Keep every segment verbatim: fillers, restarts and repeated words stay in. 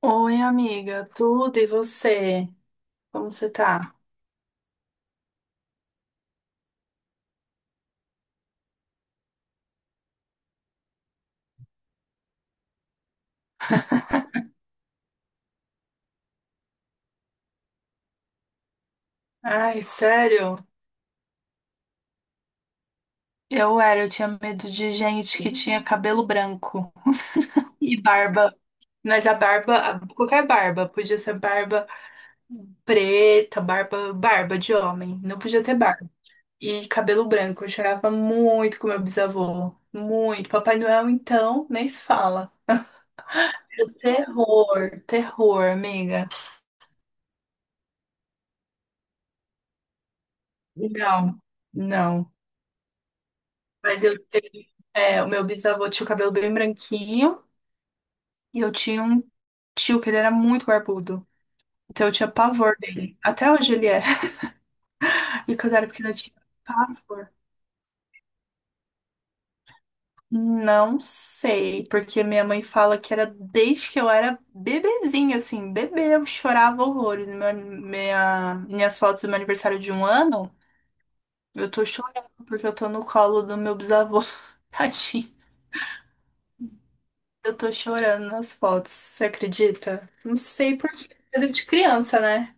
Oi, amiga, tudo e você? Como você tá? Ai, sério? Eu era, eu tinha medo de gente que tinha cabelo branco e barba. Mas a barba, a- qualquer barba, podia ser barba preta, barba, barba de homem, não podia ter barba. E cabelo branco, eu chorava muito com meu bisavô, muito. Papai Noel, então, nem se fala. Terror, terror, amiga. Não, não. Mas eu tenho, é, o meu bisavô tinha o cabelo bem branquinho e eu tinha um tio que ele era muito barbudo. Então eu tinha pavor dele. Até hoje ele é. E quando eu era pequena eu tinha pavor. Não sei, porque minha mãe fala que era desde que eu era bebezinha, assim, bebê, eu chorava horrores. Meu- minha, minhas fotos do meu aniversário de um ano, eu tô chorando porque eu tô no colo do meu bisavô. Tadinho. Eu tô chorando nas fotos, você acredita? Não sei por quê. Coisa de criança, né?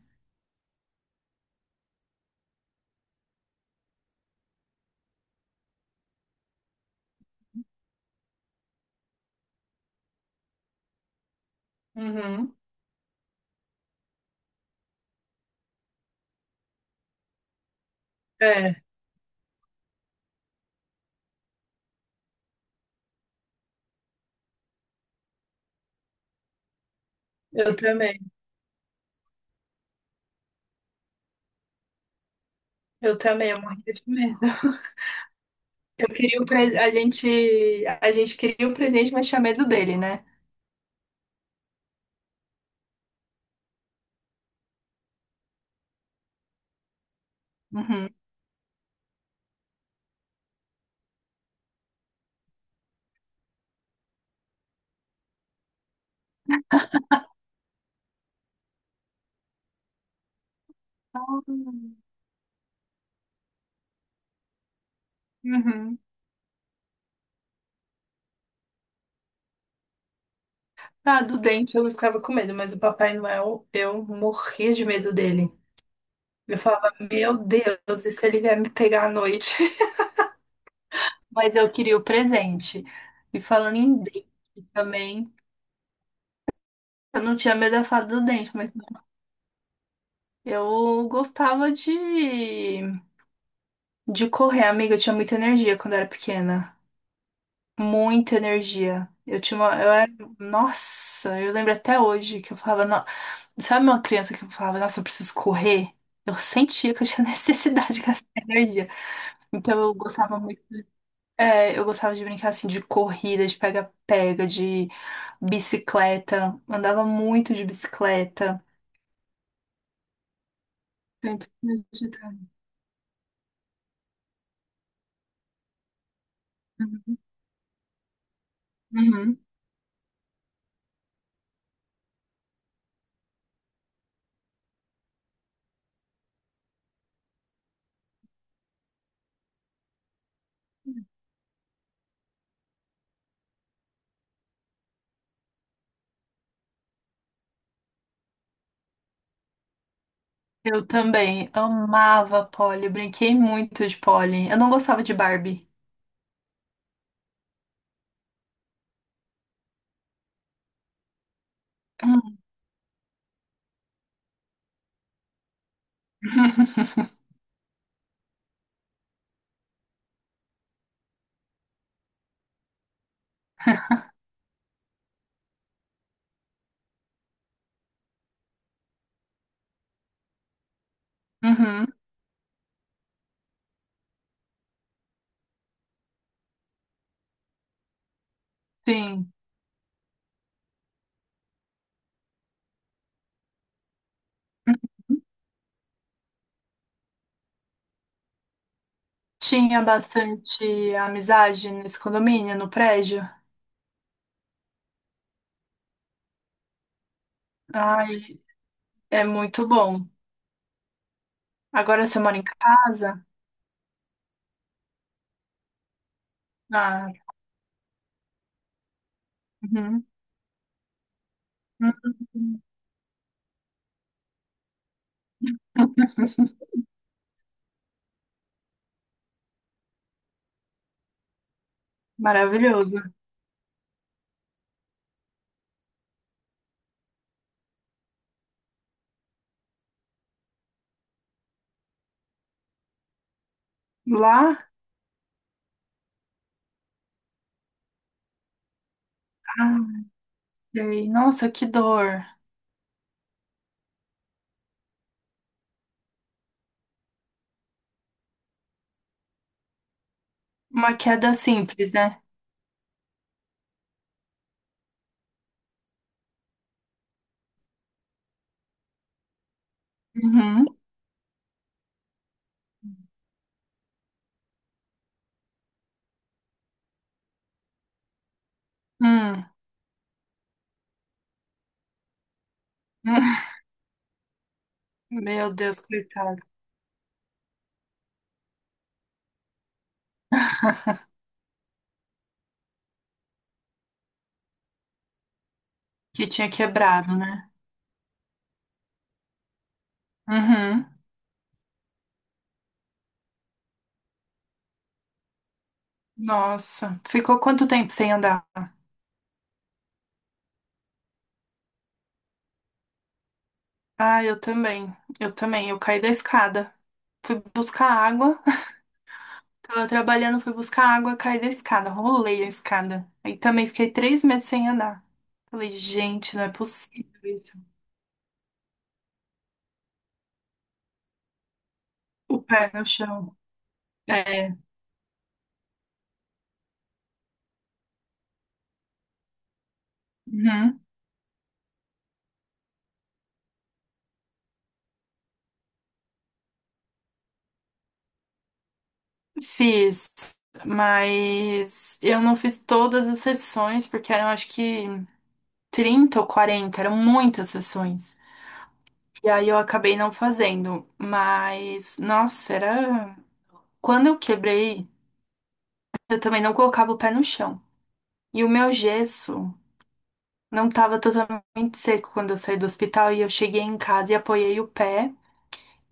Uhum. É, eu também. Eu também, eu morria de medo. Eu queria o pre... a gente... a gente queria o presente, mas tinha medo dele, né? Uhum. Ah, uhum. Ah, do dente eu ficava com medo, mas o Papai Noel, eu morria de medo dele. Eu falava, meu Deus, e se ele vier me pegar à noite? Mas eu queria o presente. E falando em dente também. Eu não tinha medo da fada do dente, mas eu gostava de, de correr, amiga. Eu tinha muita energia quando eu era pequena. Muita energia. Eu tinha uma, eu era, nossa, eu lembro até hoje que eu falava, "No- sabe uma criança que falava, nossa, eu preciso correr? Eu sentia que eu tinha necessidade de gastar energia. Então eu gostava muito, é, eu gostava de brincar assim de corrida, de pega-pega, de bicicleta. Andava muito de bicicleta. Sempre fui de- tarde. Uhum. Eu também amava Polly, brinquei muito de Polly. Eu não gostava de Barbie. Hum. Uhum, sim. Tinha bastante amizade nesse condomínio, no prédio. Ai, é muito bom. Agora você mora em casa? Ah, uhum. Uhum. Maravilhoso. Lá? Ah, sei. Nossa, que dor. Uma queda simples, né? Uhum. Hum. Meu Deus, coitado. Que tinha quebrado, né? Uhum. Nossa. Ficou quanto tempo sem andar? Ah, eu também. Eu também. Eu caí da escada. Fui buscar água. Tava trabalhando, fui buscar água, caí da escada. Rolei a escada. Aí também fiquei três meses sem andar. Falei, gente, não é possível isso. O pé no chão. É. Uhum. Fiz. Mas eu não fiz todas as sessões, porque eram acho que trinta ou quarenta, eram muitas sessões. E aí eu acabei não fazendo. Mas, nossa, era. Quando eu quebrei, eu também não colocava o pé no chão. E o meu gesso não estava totalmente seco quando eu saí do hospital. E eu cheguei em casa e apoiei o pé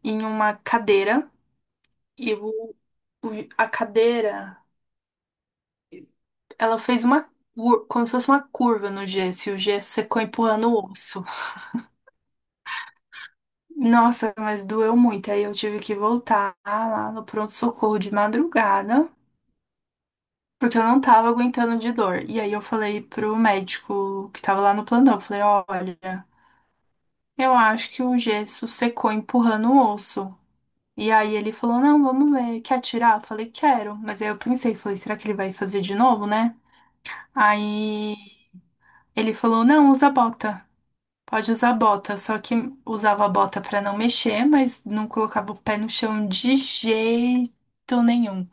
em uma cadeira. E o, o- a cadeira, ela fez uma cur- como se fosse uma curva no gesso, e o gesso secou empurrando o osso. Nossa, mas doeu muito. Aí eu tive que voltar lá no pronto-socorro de madrugada. Porque eu não tava aguentando de dor. E aí eu falei pro médico que tava lá no plantão, eu falei, olha, eu acho que o gesso secou empurrando o osso. E aí ele falou, não, vamos ver, quer tirar? Eu falei, quero. Mas aí eu pensei, falei, será que ele vai fazer de novo, né? Aí ele falou, não, usa bota. Pode usar bota, só que usava a bota pra não mexer, mas não colocava o pé no chão de jeito nenhum.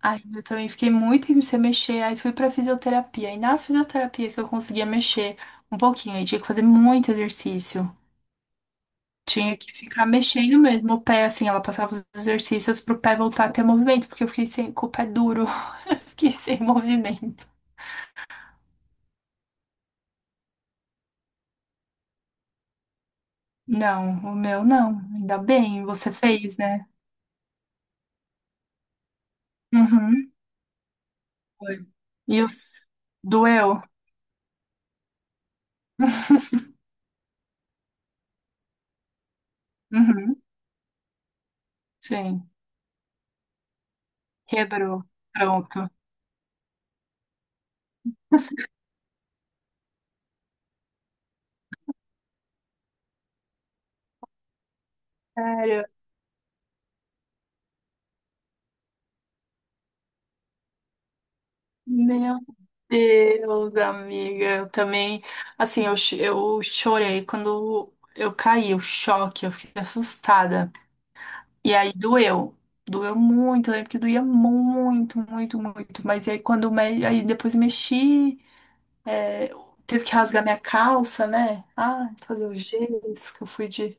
Ai, eu também fiquei muito tempo sem mexer, aí fui pra fisioterapia. E na fisioterapia que eu conseguia mexer um pouquinho, aí tinha que fazer muito exercício. Tinha que ficar mexendo mesmo o pé, assim, ela passava os exercícios pro pé voltar a ter movimento, porque eu fiquei sem, com o pé duro, fiquei sem movimento. Não, o meu não, ainda bem, você fez, né? Uhum. Foi. E eu... doeu? Uhum. Sim, quebrou. Pronto. Sério? Meu Deus, amiga, eu também, assim, eu, cho- eu chorei quando eu caí, o choque, eu fiquei assustada. E aí doeu, doeu muito, eu lembro que doía muito, muito, muito. Mas aí quando me- aí depois mexi, é, teve que rasgar minha calça, né? Ah, fazer o gesso, que eu fui de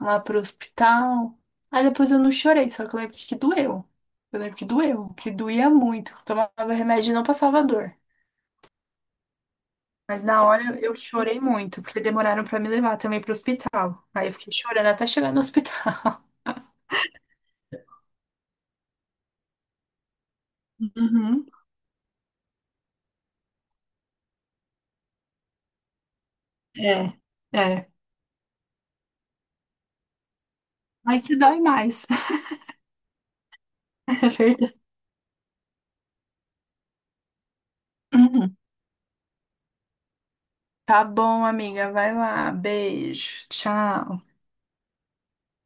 lá pro hospital. Aí depois eu não chorei, só que eu lembro que doeu. Eu lembro que doeu, que doía muito. Eu tomava remédio e não passava dor. Mas na hora eu chorei muito, porque demoraram pra me levar também pro hospital. Aí eu fiquei chorando até chegar no hospital. Uhum. É, é. Aí que dói mais. É verdade. Uhum. Tá bom, amiga. Vai lá. Beijo. Tchau.